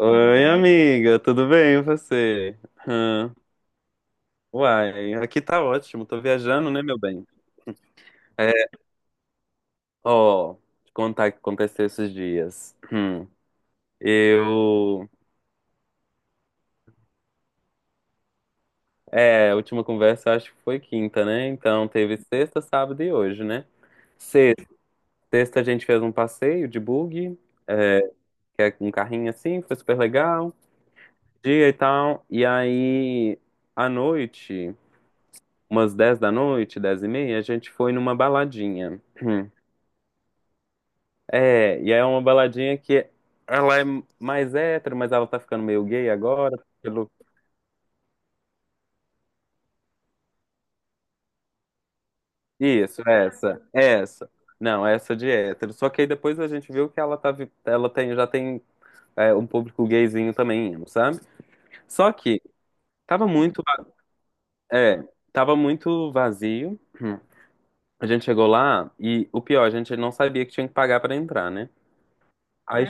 Oi, amiga, tudo bem e você? Hã? Uai, aqui tá ótimo, tô viajando, né, meu bem? É, ó, te contar o que aconteceu esses dias. Eu. É, a última conversa eu acho que foi quinta, né? Então teve sexta, sábado e hoje, né? Sexta, sexta a gente fez um passeio de buggy, que é um carrinho assim, foi super legal, dia e tal. E aí, à noite, umas 10 da noite, 10h30, a gente foi numa baladinha. É, e aí é uma baladinha que ela é mais hétero, mas ela tá ficando meio gay agora. Pelo... Isso, essa, essa. Não, essa de hétero. Só que aí depois a gente viu que ela, tá, ela tem, já tem um público gayzinho também, indo, sabe? Só que tava muito, va- é, tava muito vazio. Hum. A gente chegou lá e o pior, a gente não sabia que tinha que pagar pra entrar, né? Aí,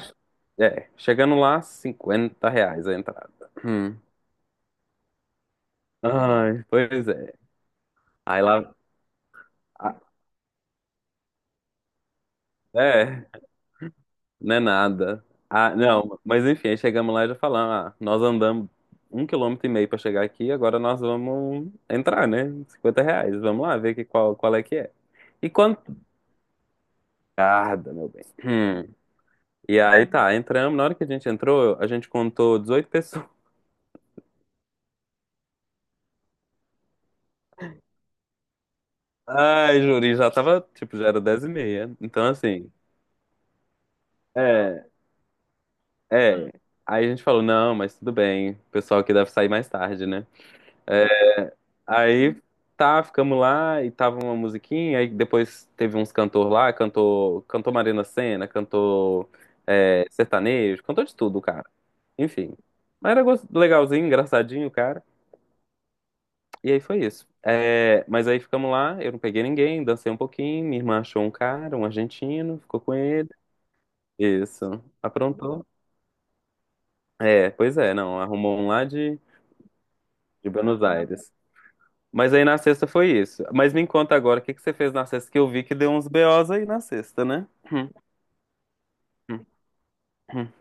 chegando lá, R$ 50 a entrada. Hum. Ai, pois é. Aí lá. É, não é nada. Ah, não, mas enfim, aí chegamos lá e já falamos, ah, nós andamos 1,5 km pra chegar aqui, agora nós vamos entrar, né? R$ 50, vamos lá ver qual é que é. E quanto? Tarda, meu bem. Hum. E aí tá, entramos, na hora que a gente entrou, a gente contou 18 pessoas. Ai, juri, já tava, tipo, já era 10 e meia. Então, assim, é, é. Aí a gente falou, não, mas tudo bem, o pessoal aqui deve sair mais tarde, né? É. Aí tá, ficamos lá e tava uma musiquinha, aí depois teve uns cantor lá, cantou Marina Sena, cantou sertanejo, cantou de tudo, cara. Enfim. Mas era legalzinho, engraçadinho, cara. E aí foi isso. É, mas aí ficamos lá, eu não peguei ninguém, dancei um pouquinho, minha irmã achou um cara, um argentino, ficou com ele. Isso. Aprontou. É, pois é, não, arrumou um lá de Buenos Aires. Mas aí na sexta foi isso. Mas me conta agora, o que que você fez na sexta? Que eu vi que deu uns BOs aí na sexta, né? Hum, hum.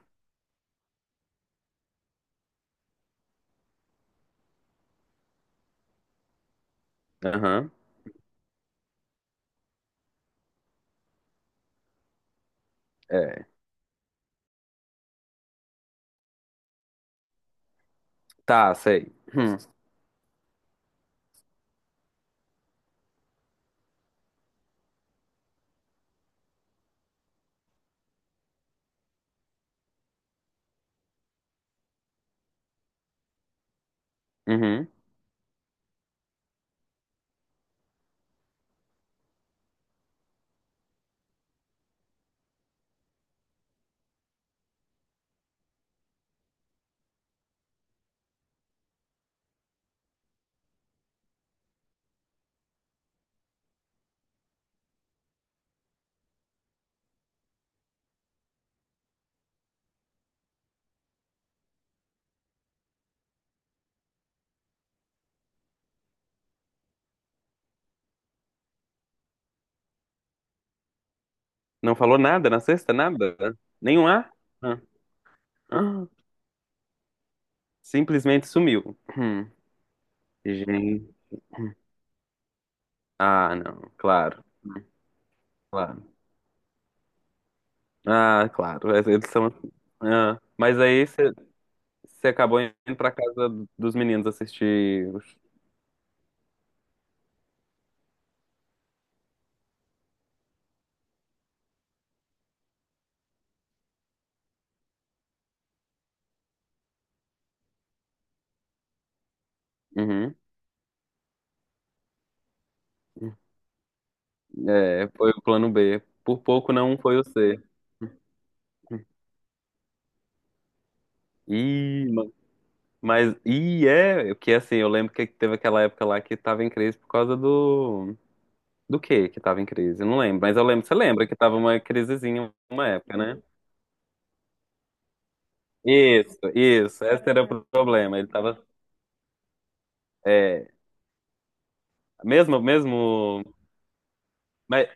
Aham. É. Tá, sei. Uhum. Não falou nada na sexta? Nada? Nenhum A? Ah. Ah. Simplesmente sumiu. Hum. Gente. Ah, não. Claro, claro. Ah, claro. Eles são assim. Ah. Mas aí você acabou indo pra casa dos meninos assistir. Uhum. É, foi o plano B. Por pouco não foi o C. Ih, mas. Ih, é. Porque assim, eu lembro que teve aquela época lá que tava em crise por causa do. Do quê que tava em crise? Eu não lembro. Mas eu lembro, você lembra que tava uma crisezinha uma época, né? Isso, isso. Esse era o problema. Ele tava. É. Mesmo, mesmo. Mas.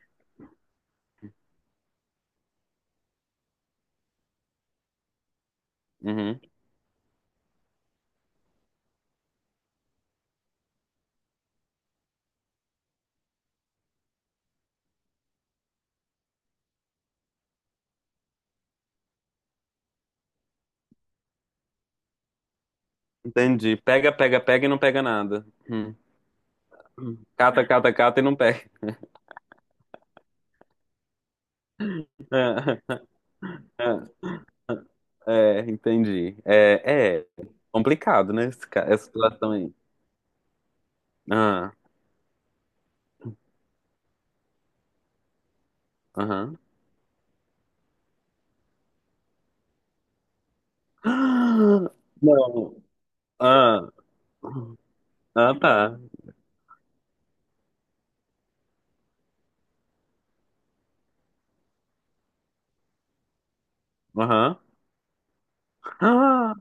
Uhum, entendi. Pega, pega, pega e não pega nada. Hum. Cata, cata, cata e não pega. É, entendi. É complicado, né? Essa situação aí. Ah, aham. Ah, não. Ah, ah, tá. Aham. Ah,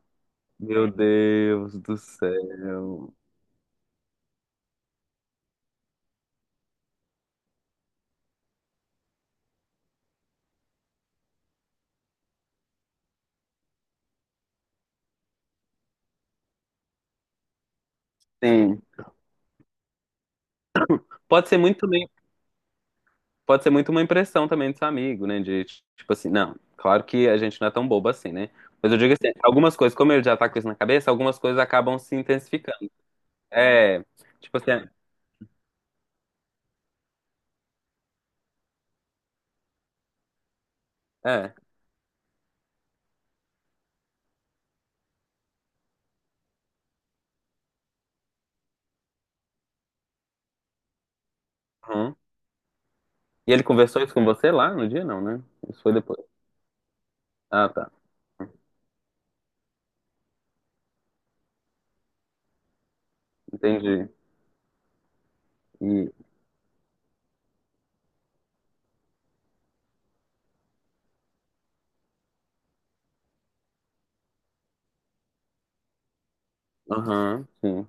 meu Deus do céu. Sim. Pode ser muito também, pode ser muito uma impressão também do seu amigo, né? De tipo assim, não, claro que a gente não é tão bobo assim, né? Mas eu digo assim, algumas coisas, como ele já tá com isso na cabeça, algumas coisas acabam se intensificando. É, tipo assim, é. Uhum. E ele conversou isso com você lá no dia? Não, né? Isso foi depois. Ah, tá. Entendi. E. Aham, sim.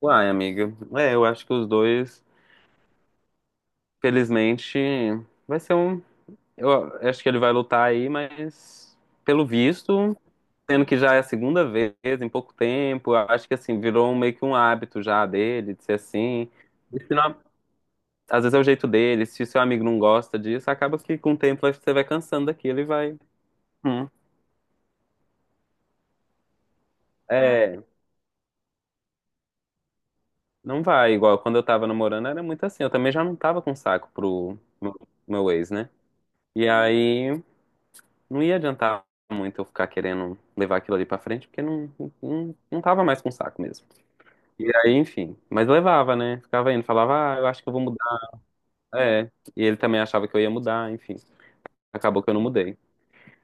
Uai, amiga. É, eu acho que os dois, felizmente, vai ser um. Eu acho que ele vai lutar aí, mas pelo visto, sendo que já é a segunda vez em pouco tempo, eu acho que assim, virou meio que um hábito já dele, de ser assim. E se não- às vezes é o jeito dele, se o seu amigo não gosta disso, acaba que com o tempo você vai cansando daquilo e vai. Hum. É, não vai, igual quando eu tava namorando era muito assim. Eu também já não tava com saco pro meu ex, né? E aí não ia adiantar muito eu ficar querendo levar aquilo ali pra frente, porque não, não, não tava mais com saco mesmo. E aí, enfim. Mas levava, né? Ficava indo, falava, ah, eu acho que eu vou mudar. É. E ele também achava que eu ia mudar, enfim. Acabou que eu não mudei.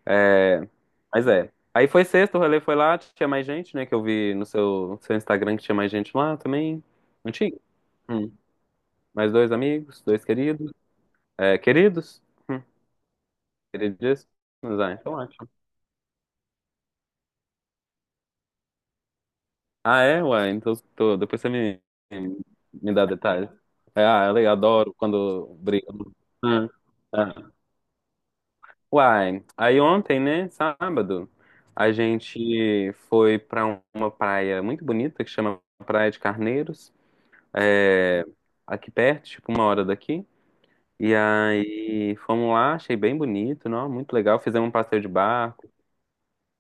É, mas é. Aí foi sexta, o rolê foi lá, tinha mais gente, né? Que eu vi no seu Instagram que tinha mais gente lá também. Não tinha? Hum. Mais dois amigos, dois queridos. É, queridos? Hum, Queridíssimos? Ah, então ótimo. Ah, é? Ué, então depois você me dá detalhes. É, ah, eu adoro quando brigam. Ah, ah. Uai, aí ontem, né, sábado, a gente foi pra uma praia muito bonita que chama Praia de Carneiros, é, aqui perto, tipo uma hora daqui. E aí fomos lá, achei bem bonito, não? Muito legal. Fizemos um passeio de barco.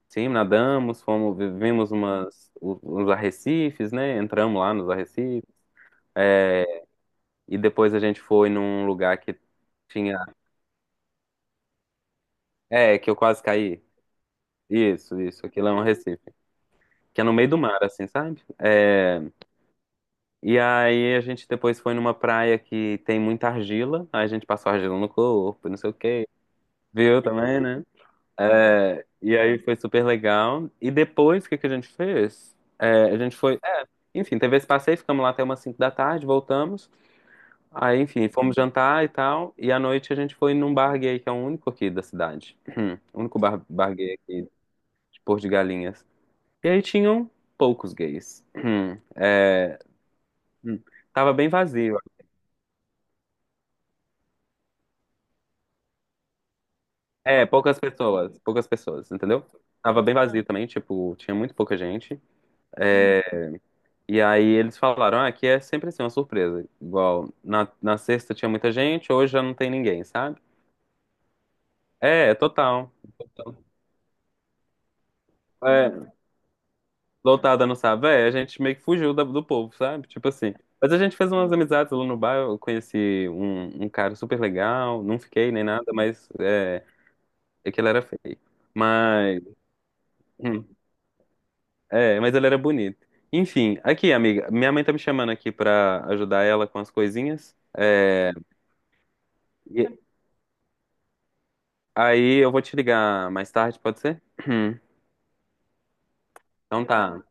Sim, nadamos, fomos, vivemos uns arrecifes, né? Entramos lá nos arrecifes. E depois a gente foi num lugar que tinha. É, que eu quase caí. Isso, isso. Aquilo é um arrecife. Que é no meio do mar, assim, sabe? E aí a gente depois foi numa praia que tem muita argila. Aí a gente passou argila no corpo, não sei o quê. Viu também, né? É, e aí foi super legal. E depois, o que que a gente fez? É, a gente foi. Enfim, teve esse passeio, ficamos lá até umas 5 da tarde, voltamos. Aí, enfim, fomos jantar e tal. E à noite a gente foi num bar gay, que é o único aqui da cidade. O único bar gay aqui de Porto de Galinhas. E aí tinham poucos gays. É, tava bem vazio. É, poucas pessoas. Poucas pessoas, entendeu? Tava bem vazio também, tipo, tinha muito pouca gente. É, e aí eles falaram, ah, aqui é sempre assim, uma surpresa. Igual, na sexta tinha muita gente, hoje já não tem ninguém, sabe? É, total. Então, É, Lotada não sabe, a gente meio que fugiu do povo, sabe? Tipo assim. Mas a gente fez umas amizades lá no bar, eu conheci um cara super legal, não fiquei nem nada, mas é que ele era feio. Mas, hum, mas ele era bonito. Enfim, aqui, amiga, minha mãe tá me chamando aqui pra ajudar ela com as coisinhas. E aí eu vou te ligar mais tarde, pode ser? Então tá.